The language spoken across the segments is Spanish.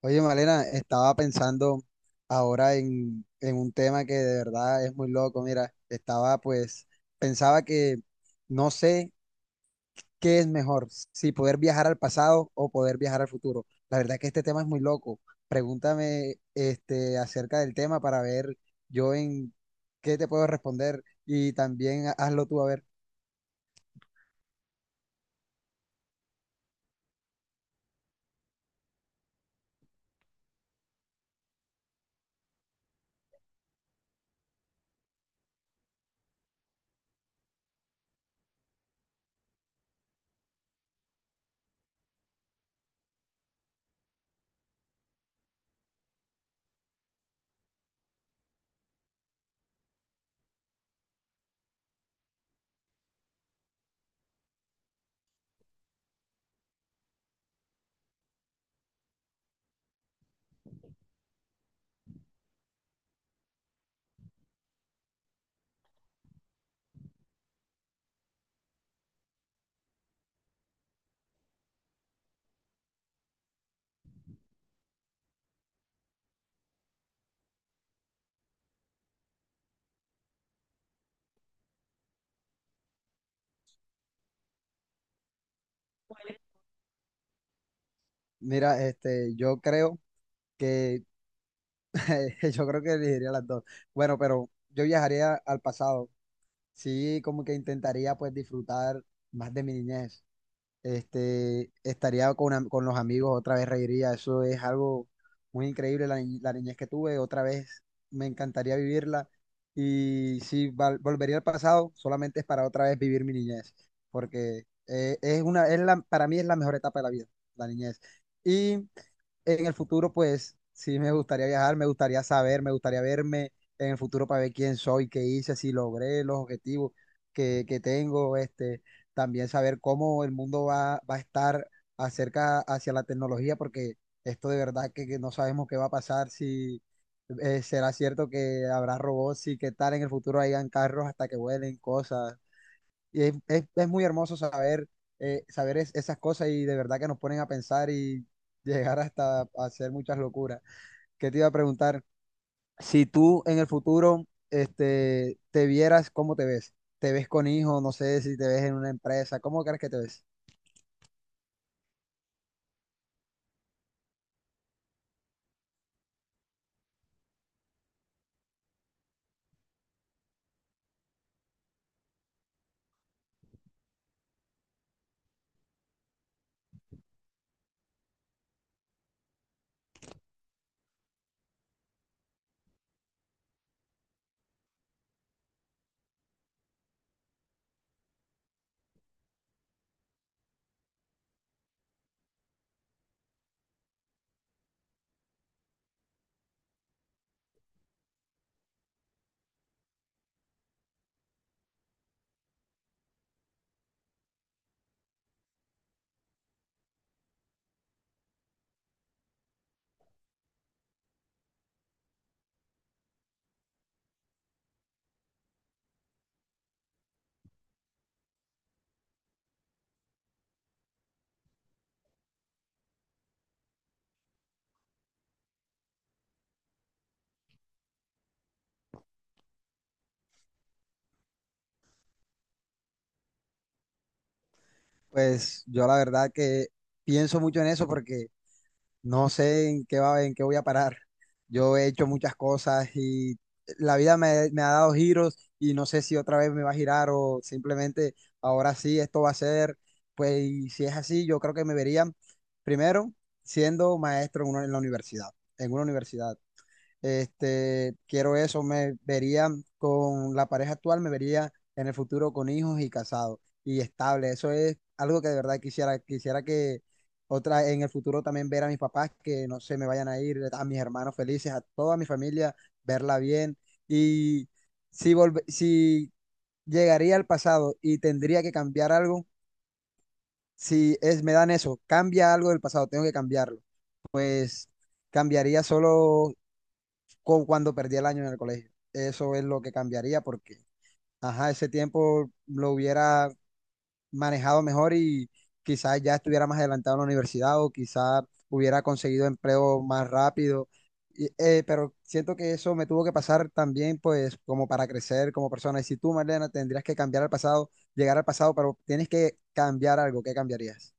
Oye, Malena, estaba pensando ahora en un tema que de verdad es muy loco. Mira, estaba pues, pensaba que no sé qué es mejor, si poder viajar al pasado o poder viajar al futuro. La verdad que este tema es muy loco. Pregúntame este, acerca del tema para ver yo en qué te puedo responder y también hazlo tú a ver. Mira, este, yo creo que, yo creo que elegiría las dos. Bueno, pero yo viajaría al pasado sí, como que intentaría pues disfrutar más de mi niñez. Este, estaría con, con los amigos, otra vez reiría. Eso es algo muy increíble, la, la niñez que tuve, otra vez me encantaría vivirla. Y si volvería al pasado, solamente es para otra vez vivir mi niñez, porque es una, es la, para mí es la mejor etapa de la vida, la niñez. Y en el futuro, pues sí me gustaría viajar, me gustaría saber, me gustaría verme en el futuro para ver quién soy, qué hice, si logré los objetivos que tengo, este también saber cómo el mundo va, va a estar acerca hacia la tecnología, porque esto de verdad que no sabemos qué va a pasar, si será cierto que habrá robots y qué tal en el futuro hayan carros hasta que vuelen cosas. Y es, es muy hermoso saber, saber esas cosas y de verdad que nos ponen a pensar y llegar hasta a hacer muchas locuras. ¿Qué te iba a preguntar? Si tú en el futuro este, te vieras, ¿cómo te ves? ¿Te ves con hijos? No sé si te ves en una empresa. ¿Cómo crees que te ves? Pues yo la verdad que pienso mucho en eso porque no sé en qué va, en qué voy a parar. Yo he hecho muchas cosas y la vida me ha dado giros y no sé si otra vez me va a girar o simplemente ahora sí esto va a ser. Pues y si es así, yo creo que me vería primero siendo maestro en, en la universidad, en una universidad. Este, quiero eso, me vería con la pareja actual, me vería en el futuro con hijos y casado y estable. Eso es algo que de verdad quisiera, quisiera que otra en el futuro también ver a mis papás que no se me vayan a ir, a mis hermanos felices, a toda mi familia, verla bien. Y si si llegaría al pasado y tendría que cambiar algo, si es, me dan eso, cambia algo del pasado, tengo que cambiarlo. Pues cambiaría solo cuando perdí el año en el colegio. Eso es lo que cambiaría porque, ajá, ese tiempo lo hubiera manejado mejor y quizás ya estuviera más adelantado en la universidad o quizás hubiera conseguido empleo más rápido. Y, pero siento que eso me tuvo que pasar también, pues, como para crecer como persona. Y si tú, Marlena, tendrías que cambiar al pasado, llegar al pasado, pero tienes que cambiar algo, ¿qué cambiarías?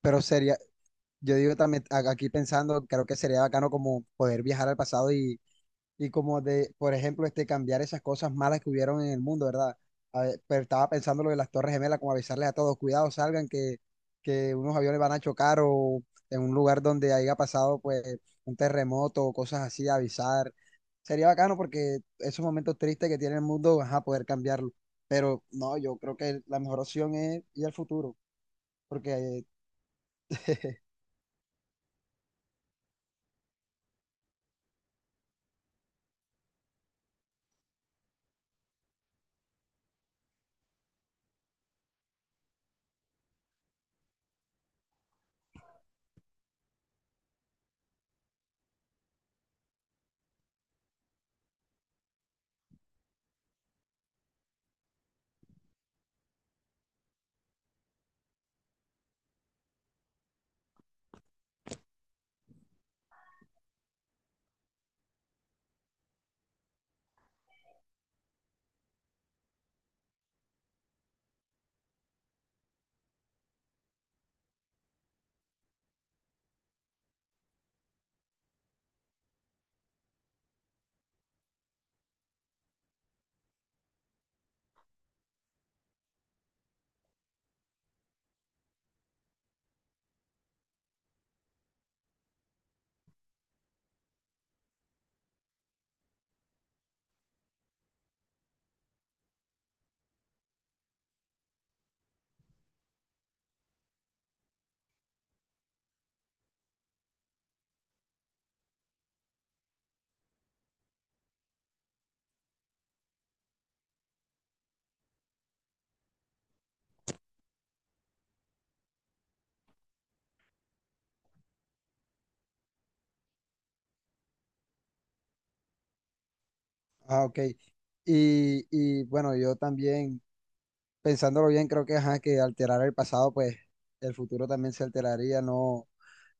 Pero sería, yo digo también, aquí pensando, creo que sería bacano como poder viajar al pasado y como de, por ejemplo, este, cambiar esas cosas malas que hubieron en el mundo, ¿verdad? A ver, pero estaba pensando lo de las Torres Gemelas, como avisarles a todos, cuidado, salgan, que unos aviones van a chocar o en un lugar donde haya pasado pues un terremoto o cosas así, avisar. Sería bacano porque esos momentos tristes que tiene el mundo, a poder cambiarlo. Pero no, yo creo que la mejor opción es ir al futuro, porque... eh, Ah, ok. Y bueno, yo también pensándolo bien, creo que, ajá, que alterar el pasado, pues el futuro también se alteraría, ¿no?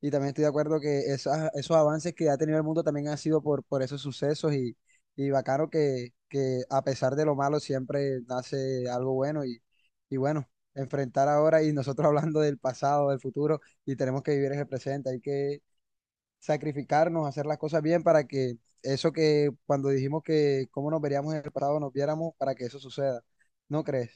Y también estoy de acuerdo que esos avances que ha tenido el mundo también han sido por esos sucesos y bacano que a pesar de lo malo siempre nace algo bueno y bueno, enfrentar ahora y nosotros hablando del pasado, del futuro y tenemos que vivir en el presente, hay que sacrificarnos, hacer las cosas bien para que eso que cuando dijimos que cómo nos veríamos en el pasado nos viéramos para que eso suceda, ¿no crees?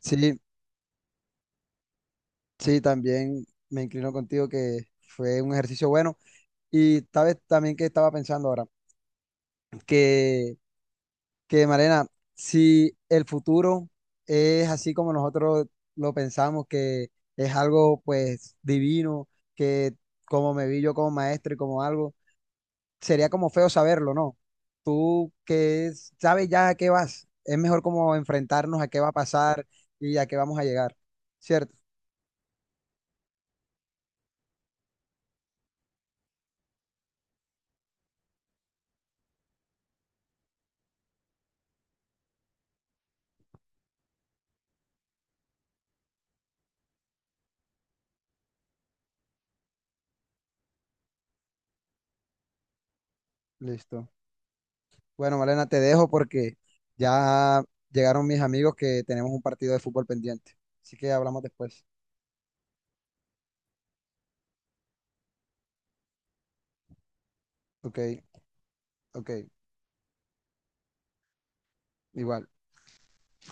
Sí, sí, también me inclino contigo que fue un ejercicio bueno. Y sabes también que estaba pensando ahora, que, que Marena, si el futuro es así como nosotros lo pensamos, que es algo pues divino, que como me vi yo como maestro y como algo, sería como feo saberlo, ¿no? Tú que sabes ya a qué vas, es mejor como enfrentarnos a qué va a pasar y a qué vamos a llegar, ¿cierto? Listo. Bueno, Malena, te dejo porque ya llegaron mis amigos que tenemos un partido de fútbol pendiente. Así que hablamos después. Ok, ok, igual.